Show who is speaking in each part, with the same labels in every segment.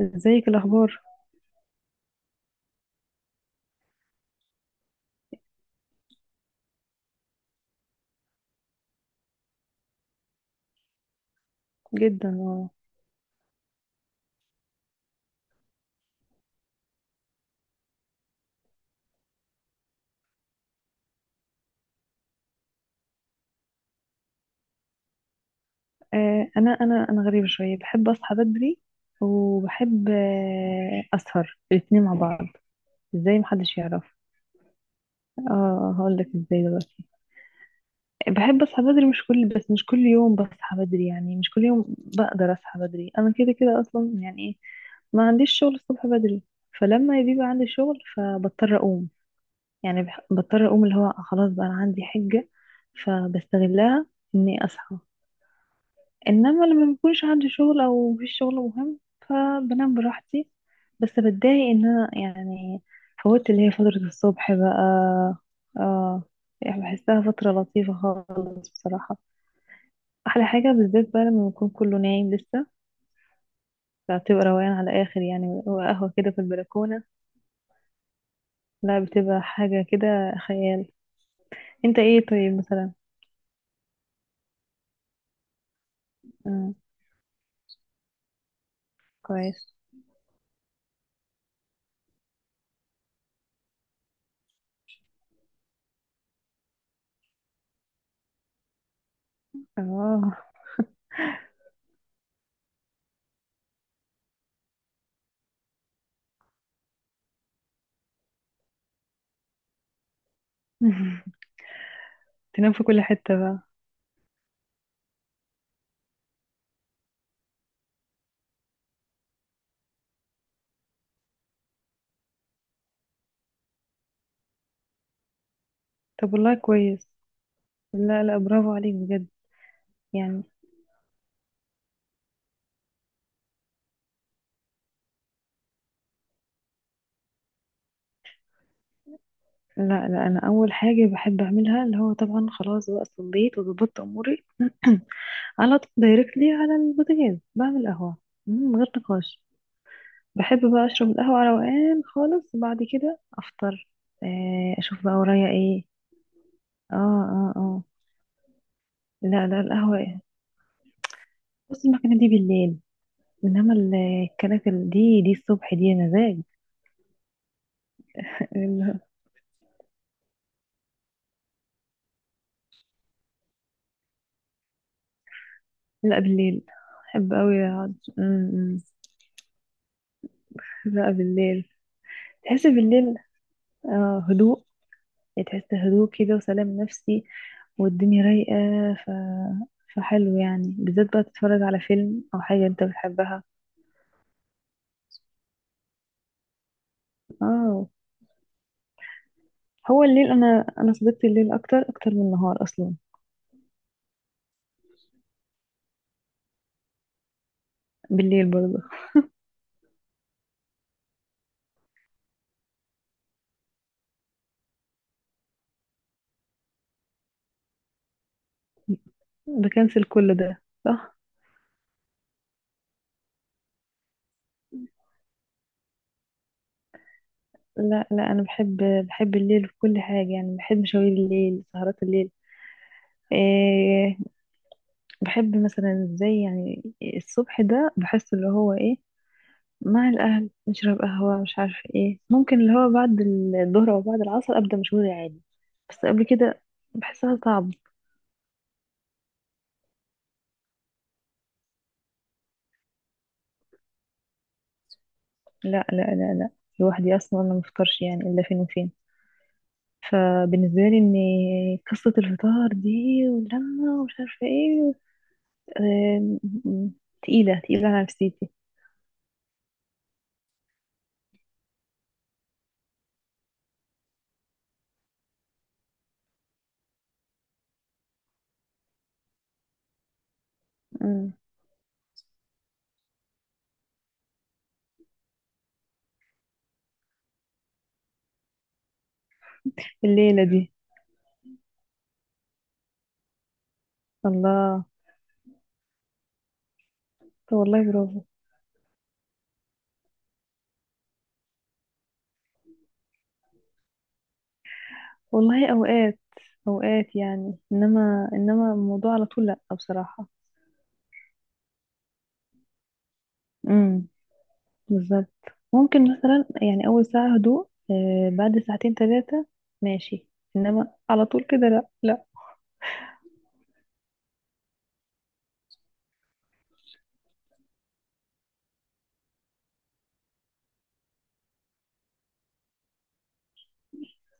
Speaker 1: ازيك الاخبار؟ جدا اه. انا غريبه شويه، بحب اصحى بدري وبحب اسهر الاثنين مع بعض. ازاي محدش يعرف؟ اه هقول لك ازاي دلوقتي. بحب اصحى بدري، مش كل يوم بصحى بدري، يعني مش كل يوم بقدر اصحى بدري. انا كده كده اصلا يعني ايه، ما عنديش شغل الصبح بدري، فلما بيبقى عندي شغل فبضطر اقوم. يعني بضطر اقوم، اللي هو خلاص بقى انا عندي حجة فبستغلها اني اصحى. انما لما بيكونش عندي شغل او مفيش شغل مهم فبنام براحتي. بس بتضايق ان انا يعني فوت اللي هي فترة الصبح بقى. اه، يعني بحسها فترة لطيفة خالص بصراحة. احلى حاجة بالذات بقى لما يكون كله نايم لسه، فبتبقى روقان على اخر يعني، وقهوة كده في البلكونة. لا، بتبقى حاجة كده خيال. انت ايه طيب مثلا؟ مم. كويس. اه. تنام في كل حتة بقى. طب والله كويس، لا لا، برافو عليك بجد. يعني لا لا، انا اول حاجه بحب اعملها اللي هو طبعا خلاص بقى صليت وظبطت اموري، على طول دايركتلي على البوتاجاز بعمل قهوه من غير نقاش. بحب بقى اشرب القهوه على روقان خالص، بعد كده افطر، اشوف بقى ورايا ايه. اه اه اه. لا لا، القهوه إيه؟ بص، المكنه دي بالليل، انما ال- الكناكل دي، دي الصبح دي مزاج. لا. لا بالليل. بحب قوي اقعد م. لا بالليل. تحس بالليل، هدوء. تحس هدوء كده وسلام نفسي، والدنيا رايقة. ف... فحلو يعني بالذات بقى تتفرج على فيلم أو حاجة أنت بتحبها. اه. هو الليل، أنا صديقتي الليل أكتر أكتر من النهار أصلا. بالليل برضه. بكنسل كل ده صح. لا لا، أنا بحب، بحب الليل في كل حاجة، يعني بحب مشاوير الليل، سهرات الليل، إيه. بحب مثلا زي يعني الصبح ده، بحس اللي هو ايه، مع الأهل نشرب قهوة مش عارفة ايه، ممكن اللي هو بعد الظهر أو بعد العصر أبدأ مشغولي عادي، بس قبل كده بحسها صعب. لا لا، لوحدي أصلا ما مفطرش يعني إلا فين وفين. فبالنسبة لي إن قصة الفطار دي واللمة ومش عارفة ايه، آم، م- تقيلة تقيلة على نفسيتي. مم. الليلة دي. الله. طب والله برافو. والله أوقات أوقات يعني، إنما الموضوع على طول لأ بصراحة. مم. بالظبط. ممكن مثلا يعني اول ساعة هدوء، بعد ساعتين ثلاثة ماشي، انما على طول كده لا لا.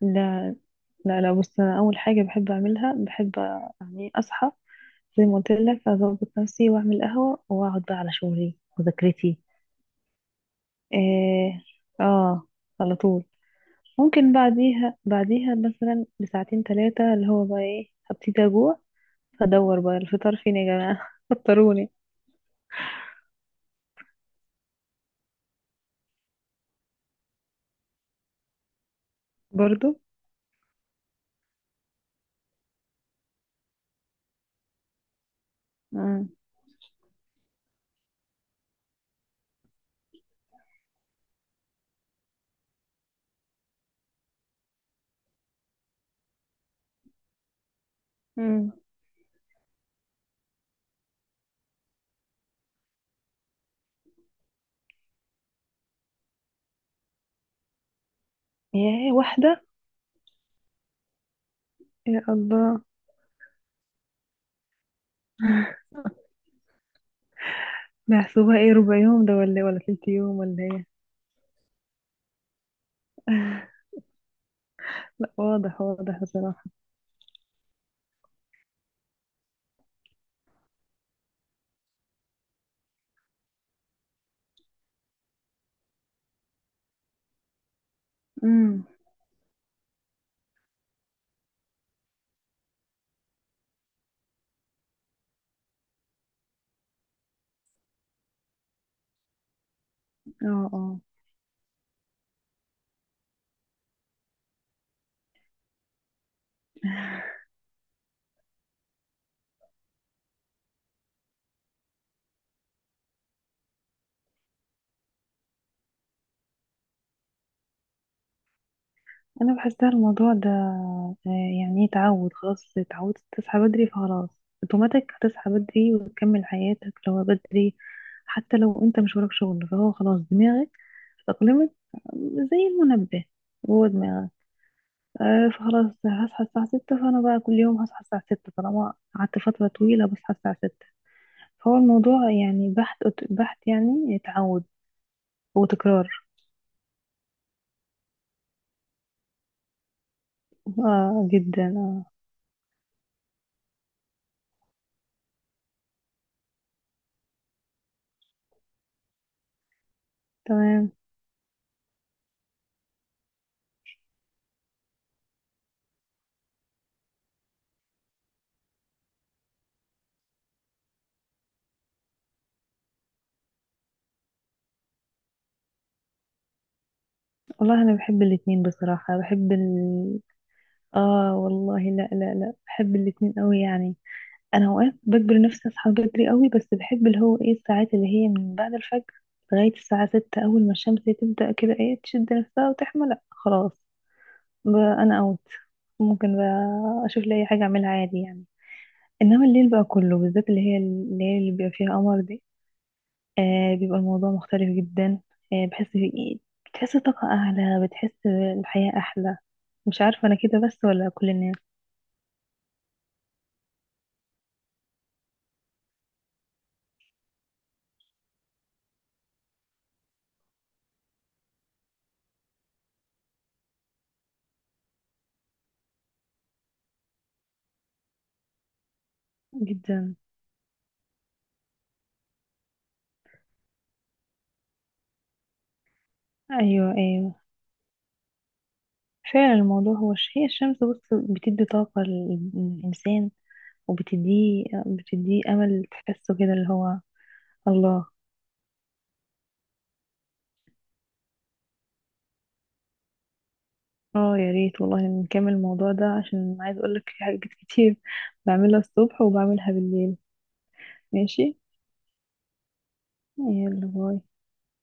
Speaker 1: لا لا لا، بص انا اول حاجة بحب اعملها، بحب يعني اصحى زي ما قلت لك، اظبط نفسي واعمل قهوة واقعد بقى على شغلي مذاكرتي. اه اه. على طول. ممكن بعديها مثلا بساعتين ثلاثة، اللي هو بقى ايه هبتدي اجوع، فادور بقى الفطار فين يا جماعة. فطروني. برضو. مم. مم. ياه واحدة، يا الله. محسوبة ايه، ربع يوم ده ولا إيه؟ ولا تلت يوم ولا ايه؟ لا، واضح واضح بصراحة. امم. اه اه. انا بحسها الموضوع ده يعني إيه، تعود. خلاص اتعودت تصحى بدري فخلاص اوتوماتيك هتصحى بدري وتكمل حياتك لو بدري. حتى لو انت مش وراك شغل فهو خلاص دماغك اتأقلمت زي المنبه جوه دماغك. آه، فخلاص هصحى الساعة ستة، فأنا بقى كل يوم هصحى الساعة ستة طالما قعدت فترة طويلة بصحى الساعة ستة. هو الموضوع يعني بحث، بحث يعني تعود وتكرار. اه جدا اه. تمام. والله انا بحب الاتنين بصراحة، اه والله لا لا لا، بحب الاتنين قوي يعني. انا اوقات بجبر نفسي اصحى بدري قوي، بس بحب اللي هو ايه الساعات اللي هي من بعد الفجر لغاية الساعة ستة، اول ما الشمس تبدأ كده ايه تشد نفسها وتحمى لا خلاص. ب- انا اوت ممكن بقى اشوف لي اي حاجة اعملها عادي يعني. انما الليل بقى كله، بالذات اللي هي الليل اللي بيبقى فيها قمر دي، آه بيبقى الموضوع مختلف جدا. آه بحس في إيه، بتحس طاقة أعلى، بتحس الحياة أحلى. مش عارفة أنا كده بس ولا كل الناس؟ جدا. أيوة أيوه. فعلا الموضوع هو هي الشمس، بص، بتدي طاقة للإنسان، وبتديه أمل تحسه كده اللي هو الله. اه يا ريت والله، نكمل الموضوع ده عشان عايز أقولك في حاجات كتير بعملها الصبح وبعملها بالليل. ماشي. يلا باي.